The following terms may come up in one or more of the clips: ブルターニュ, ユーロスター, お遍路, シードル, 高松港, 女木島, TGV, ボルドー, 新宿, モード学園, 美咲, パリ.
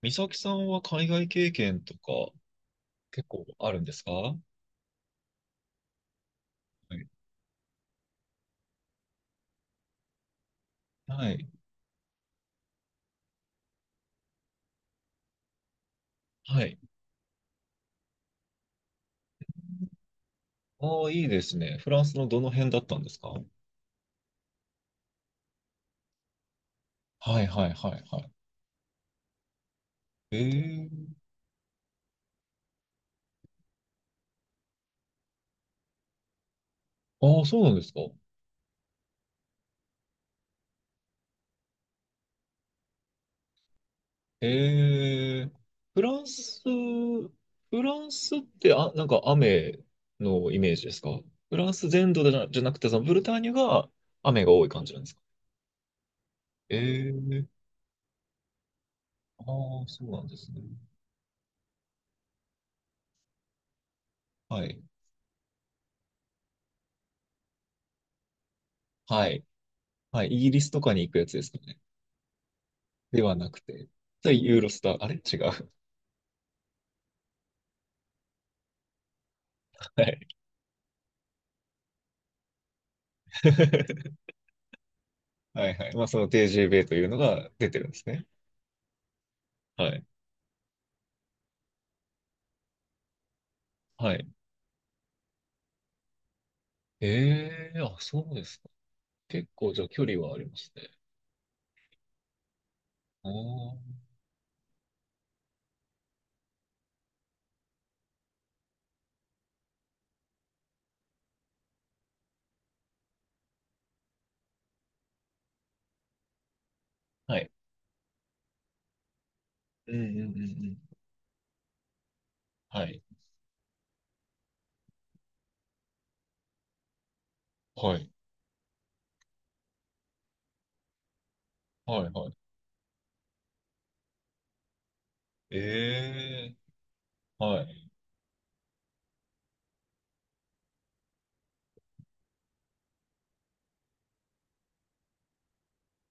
美咲さんは海外経験とか結構あるんですか？はい。はい。はい。ああ、いいですね。フランスのどの辺だったんですか？はいはいはいはい。ええ。ああ、そうなんですか。ええ。フランスってなんか雨のイメージですか？フランス全土でなじゃなくて、そのブルターニュが雨が多い感じなんですか？ええ。ああ、そうなんですね。はい。はい。はい。イギリスとかに行くやつですかね。ではなくて、ユーロスター、あれ違う。はい。はいはい。まあ、その TGV というのが出てるんですね。はい。はい。ええー、あ、そうですか。結構、じゃあ距離はありますね。ああ。はい。うんうんうんうん。はい。はい。はいはい。ええー、はい。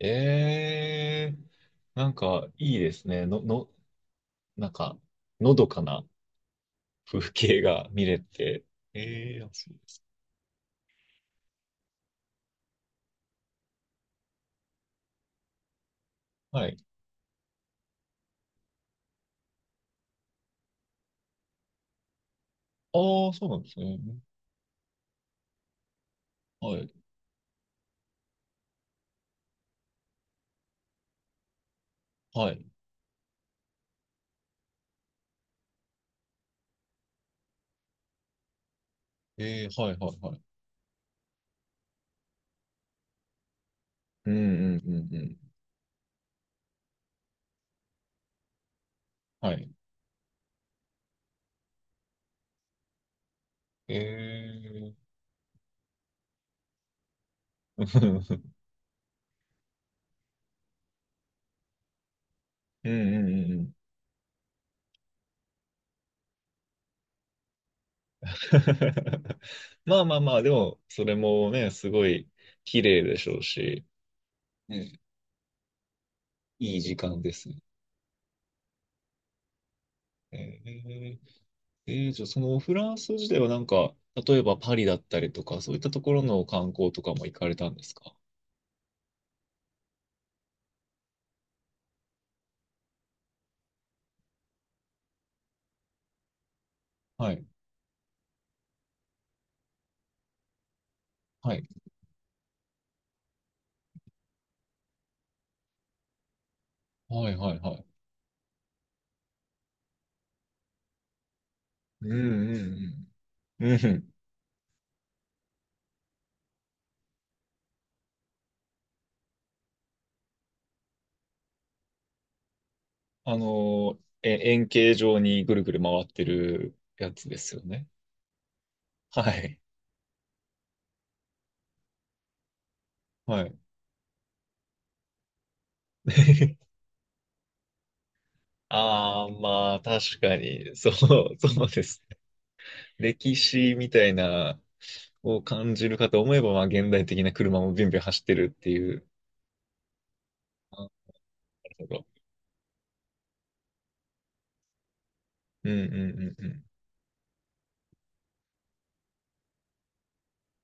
ええー、なんか、いいですね。なんか、のどかな風景が見れて。ええー、あ、そうです。はい。ああ、そうなんですね。はい。はい。えー、はいはいはい。うんうんうんうん。はい。えー、うんうんうんうん。まあまあまあ、でも、それもね、すごい綺麗でしょうし、ね、いい時間ですね。えー、じゃあ、そのフランス自体はなんか、例えばパリだったりとか、そういったところの観光とかも行かれたんですか？はい。はい。はいはいはい。うんうんうん。うん。あの、円形状にぐるぐる回ってるやつですよね。はい。はい。ああ、まあ、確かに、そう、そうです。歴史みたいな、を感じるかと思えば、まあ、現代的な車もビュンビュン走ってるっていう。あ、なるほど。うんうんうんうん。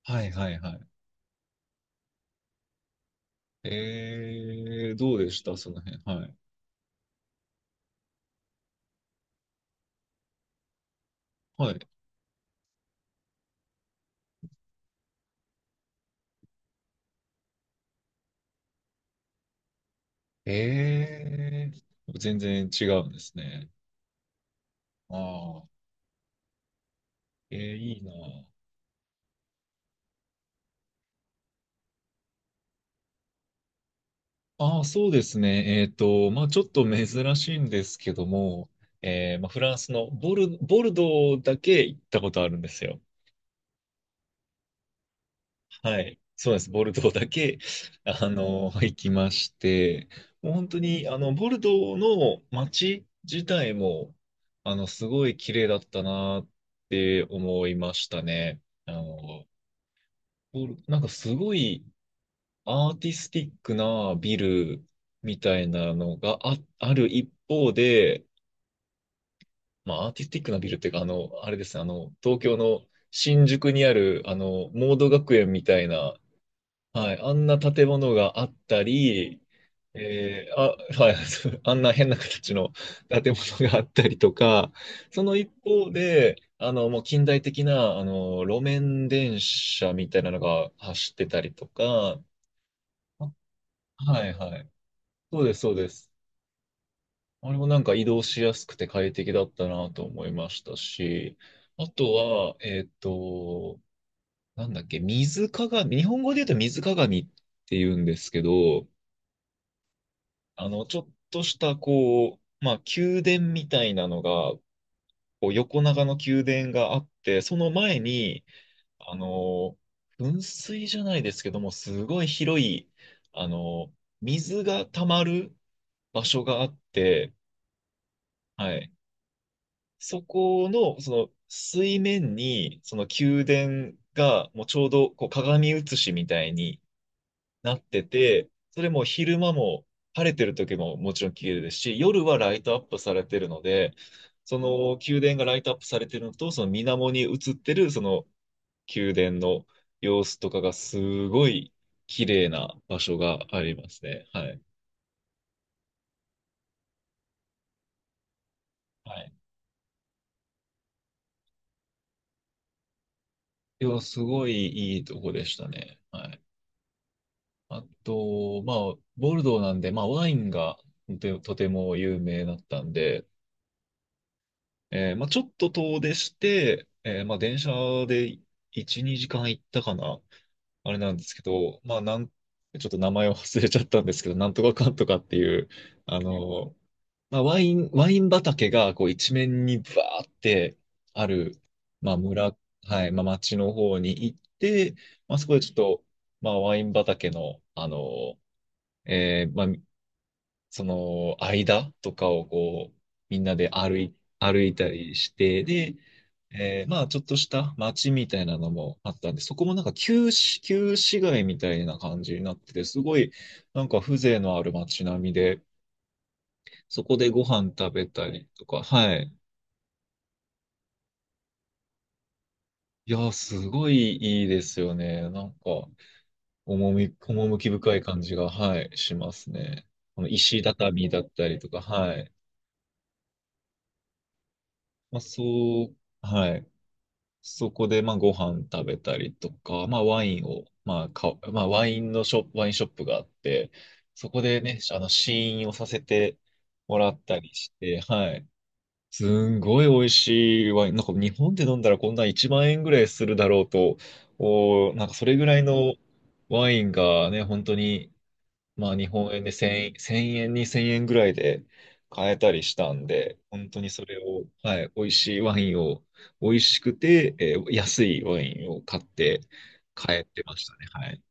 はいはいはい。えー、どうでしたその辺。はい。はい。えー、全然違うんですね。ああ、えー、いいな。ああ、そうですね。まあ、ちょっと珍しいんですけども、まあ、フランスのボルドーだけ行ったことあるんですよ。はい。そうです。ボルドーだけ、あの、行きまして、もう本当に、あの、ボルドーの街自体も、あの、すごい綺麗だったなって思いましたね。あの、なんかすごいアーティスティックなビルみたいなのがある一方で、まあ、アーティスティックなビルっていうか、あの、あれですね、あの、東京の新宿にある、あの、モード学園みたいな、はい、あんな建物があったり、あ、はい、あんな変な形の建物があったりとか、その一方で、あの、もう近代的な、あの、路面電車みたいなのが走ってたりとか、あ、はい、はい。そうです、そうです。あれもなんか移動しやすくて快適だったなと思いましたし、あとは、なんだっけ、水鏡、日本語で言うと水鏡って言うんですけど、あの、ちょっとした、こう、まあ、宮殿みたいなのが、こう横長の宮殿があって、その前に、あの、噴水じゃないですけども、すごい広い、あの、水が溜まる場所があって、はい。そこの、その水面に、その宮殿が、もうちょうどこう鏡写しみたいになってて、それも昼間も晴れてる時ももちろん綺麗ですし、夜はライトアップされてるので、その宮殿がライトアップされてるのと、その水面に映ってるその宮殿の様子とかがすごい綺麗な場所がありますね。はい。はい。いや、すごいいいとこでしたね。はい。あと、まあ、ボルドーなんで、まあ、ワインがとても有名だったんで、まあ、ちょっと遠出して、まあ、電車で1、2時間行ったかな、あれなんですけど、まあ、ちょっと名前を忘れちゃったんですけど、なんとかかんとかっていう、あの、まあ、ワイン畑がこう一面にバーってある、まあ、村、はい、まあ、町の方に行って、まあ、そこでちょっと、まあ、ワイン畑の、あの、まあ、その間とかをこう、みんなで歩いたりして、で、まあ、ちょっとした街みたいなのもあったんで、そこもなんか旧市街みたいな感じになってて、すごいなんか風情のある街並みで、そこでご飯食べたりとか、はい。いやー、すごいいいですよね。なんか、趣深い感じが、はい、しますね。この石畳だったりとか、はい。まあ、そう、はい。そこで、まあ、ご飯食べたりとか、まあ、ワインを、まあ、まあ、ワインショップがあって、そこでね、あの、試飲をさせてもらったりして、はい。すんごい美味しいワイン。なんか日本で飲んだらこんな1万円ぐらいするだろうと、おー、なんかそれぐらいのワインがね、本当にまあ日本円で1000円、1000円、2 0円ぐらいで買えたりしたんで、本当にそれを、はい、美味しいワインを、美味しくて、安いワインを買って帰ってましたね。はい。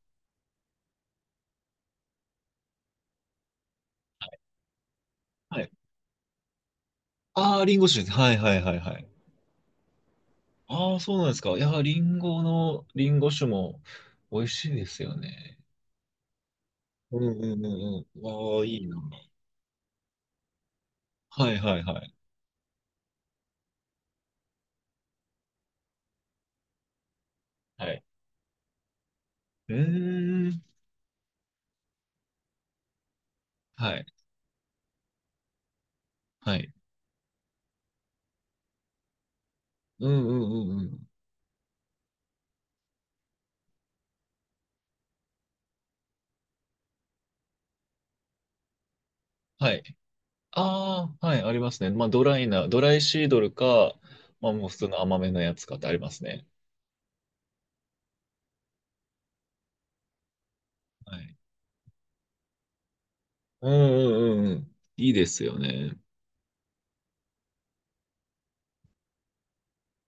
はい。ああ、リンゴ酒です。はいはいはいはい。ああ、そうなんですか。いやリンゴ酒も美味しいですよね。うんうんうんうん。ああ、いいな。はいはいはい。はい。うーん。はい。はい。うんうんうんうん。はい。ああ、はい、ありますね。まあ、ドライシードルか、まあ、もう普通の甘めのやつかってありますね。はい。うんうんうんうん。いいですよね。